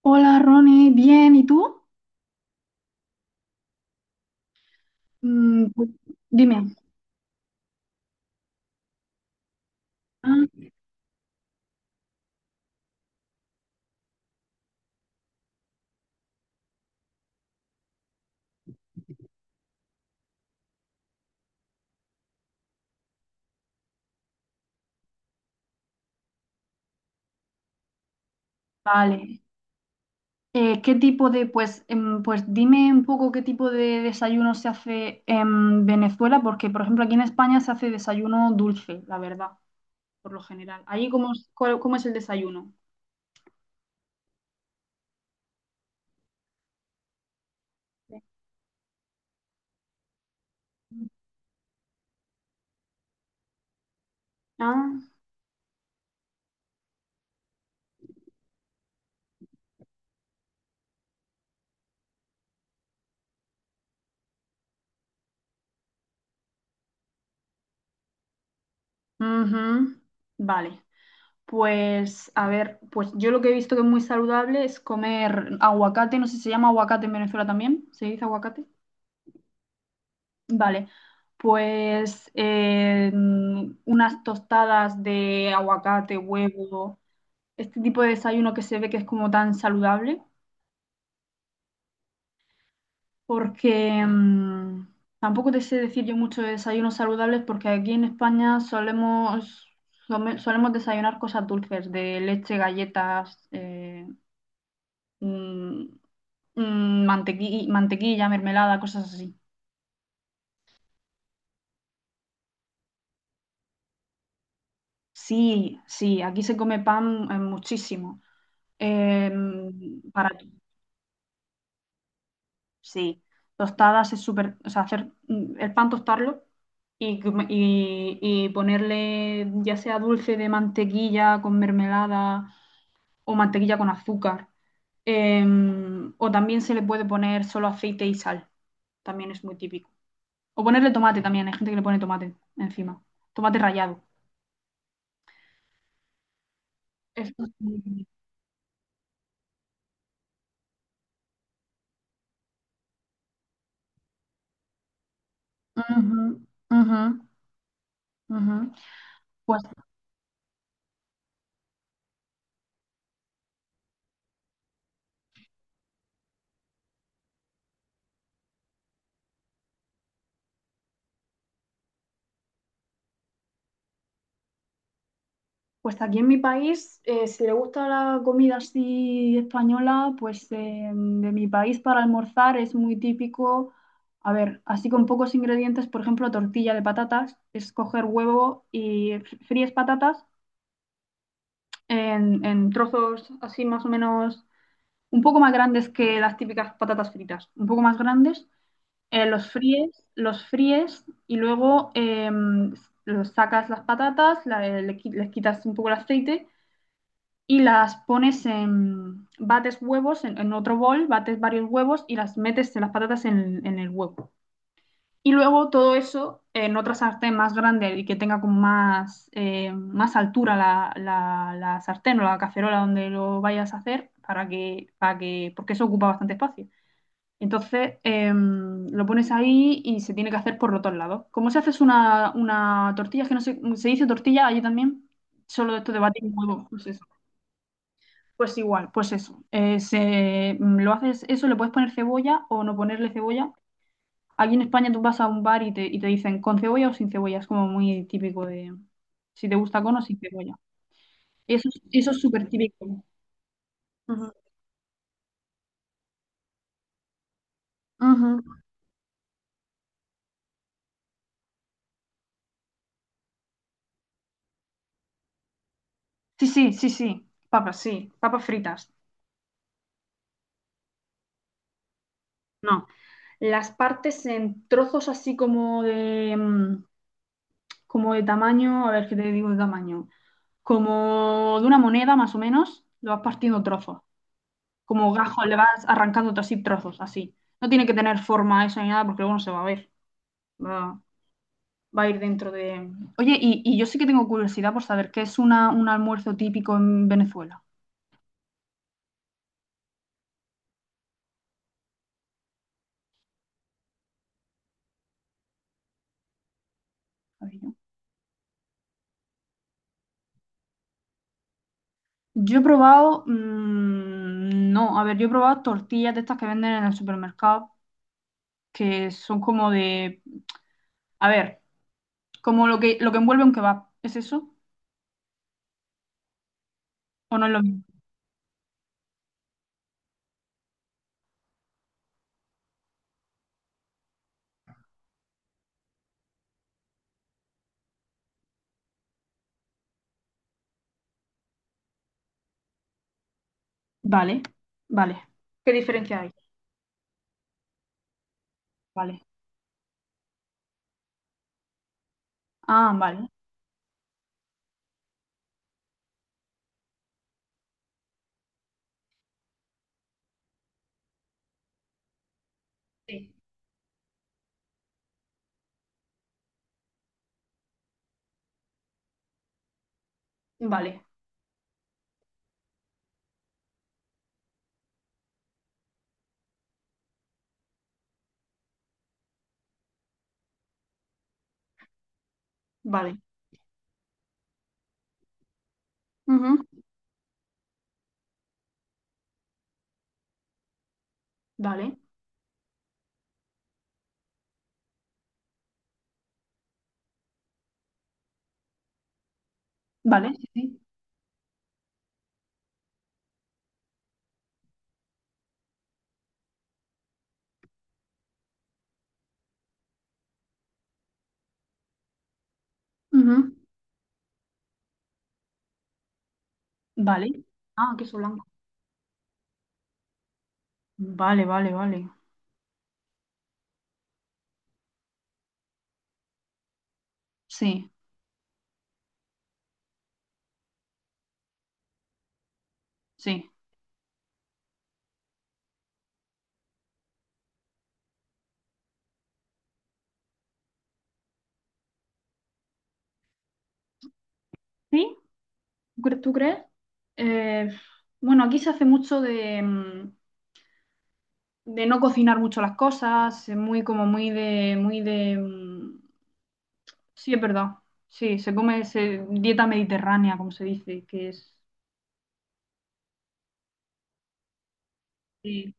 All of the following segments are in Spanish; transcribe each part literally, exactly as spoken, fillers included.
Hola Ronnie, bien, ¿y tú? Mm, pues, dime. Ah, vale. Eh, ¿qué tipo de, pues, em, pues dime un poco qué tipo de desayuno se hace en Venezuela, porque por ejemplo aquí en España se hace desayuno dulce, la verdad, por lo general. ¿Ahí cómo, es- cuál- cómo es el desayuno? Sí. Ah, ujú. Vale. Pues a ver, pues yo lo que he visto que es muy saludable es comer aguacate, no sé si se llama aguacate en Venezuela también, ¿se dice aguacate? Vale, pues eh, unas tostadas de aguacate, huevo, este tipo de desayuno que se ve que es como tan saludable, porque mm, tampoco te sé decir yo mucho de desayunos saludables, porque aquí en España solemos, some- solemos desayunar cosas dulces, de leche, galletas, eh, mm, mm, mantequi- mantequilla, mermelada, cosas así. Sí, sí, aquí se come pan eh, muchísimo. Em, para, sí, tostadas es súper, o sea, hacer mm, el pan tostarlo y, com- y- y ponerle ya sea dulce de mantequilla con mermelada o mantequilla con azúcar. Em, o también se le puede poner solo aceite y sal, también es muy típico. O ponerle tomate también, hay gente que le pone tomate encima, tomate rallado. Eso es muy típico. Ujú, ujú, ujú. Pues Pues aquí en mi país, eh, si le gusta la comida así española, pues eh, de mi país para almorzar es muy típico, a ver, así con pocos ingredientes, por ejemplo, tortilla de patatas, es coger huevo y fr- fríes patatas en, en trozos así más o menos un poco más grandes que las típicas patatas fritas, un poco más grandes, eh, los fríes, los fríes y luego em, los sacas las patatas, la- le qui- les quitas un poco el aceite y las pones en, bates huevos en, en otro bol, bates varios huevos y las metes las patatas en, en el huevo. Y luego todo eso en otra sartén más grande y que tenga como más, eh, más altura la, la- la sartén o la cacerola donde lo vayas a hacer para que, para que, porque eso ocupa bastante espacio. Entonces em, lo pones ahí y se tiene que hacer por los dos lados. ¿Cómo se hace es una, una tortilla? Es que no sé, se dice tortilla allí también. Solo esto de batir huevos. Pues igual, pues eso. Eh, se- mm, lo haces eso, le puedes poner cebolla o no ponerle cebolla. Aquí en España tú vas a un bar y te, y te dicen con cebolla o sin cebolla. Es como muy típico de si te gusta con o sin cebolla. Eso, es- eso es súper típico. Ujú, ujú. Sí, sí, sí, sí. Papas, sí. Papas fritas. No. Las partes en trozos así como de, mm, como de tamaño, a ver qué te digo de tamaño. Como de una moneda más o menos, lo vas partiendo trozos. Como gajo, le vas arrancando así trozos, así. No tiene que tener forma eso ni nada porque luego no se va a ver. Va, va a ir dentro de... Oye, y, y yo sí que tengo curiosidad por saber qué es una, un almuerzo típico en Venezuela. A ver, Yo yo he probado... mm, no, a ver, yo he probado tortillas de estas que venden en el supermercado que son como de... A ver, como lo que, lo que envuelve un kebab. ¿Es eso? ¿O no es lo mismo? Vale, vale. ¿Qué diferencia hay? Vale. Ah, vale. Sí. Vale. Vale. Ujú. Vale. Vale, sí, sí. Ujú. Vale. Ah, queso blanco. Vale, vale, vale. Sí, sí. ¿Sí? ¿Tú cre- tú crees? Eh, bueno, aquí se hace mucho de, mm, de no cocinar mucho las cosas, eh, muy como muy de, muy de, mm, sí, es verdad. Sí, se come se- dieta mediterránea, como se dice, que es. Sí.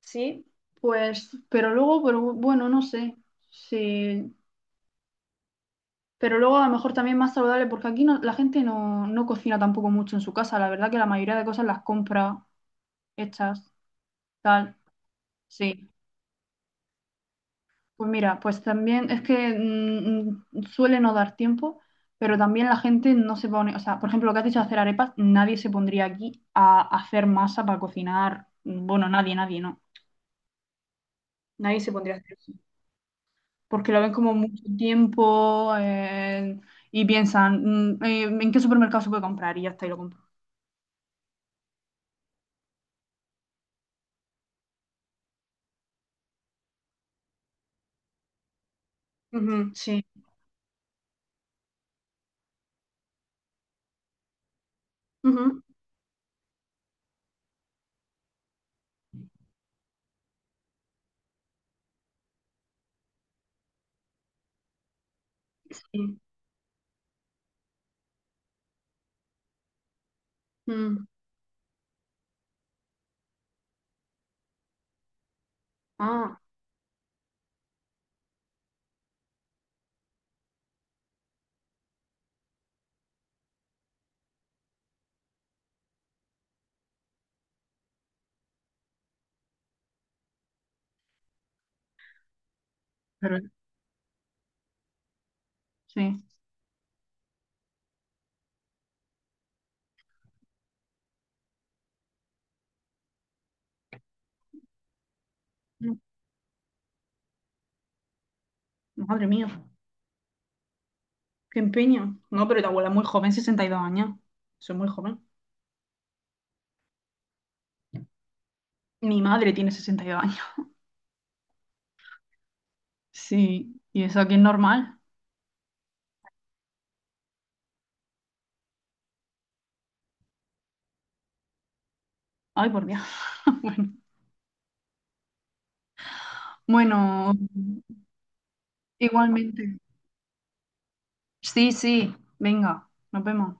Sí, pues, pero luego, pero bueno, no sé. Sí. Pero luego a lo mejor también más saludable, porque aquí no- la gente no, no cocina tampoco mucho en su casa. La verdad que la mayoría de cosas las compra hechas, tal. Sí. Pues mira, pues también es que mm, mm, suele no dar tiempo, pero también la gente no se pone, o sea, por ejemplo, lo que has dicho de hacer arepas, nadie se pondría aquí a hacer masa para cocinar. Bueno, nadie, nadie, no. Nadie se pondría a hacer eso. Porque lo ven como mucho tiempo eh, y piensan, mm, eh, ¿en qué supermercado se puede comprar? Y ya está, y lo compro. Ujú, sí. Ujú, Sí. Mm. Ah, pero sí. Mm, madre mía, qué empeño. No, pero tu abuela es muy joven, sesenta y dos años. Soy muy joven. Mi madre tiene sesenta y dos años. Sí, y eso aquí es normal. Ay, por Dios. Bueno, bueno, igualmente. Sí, sí, venga, nos vemos.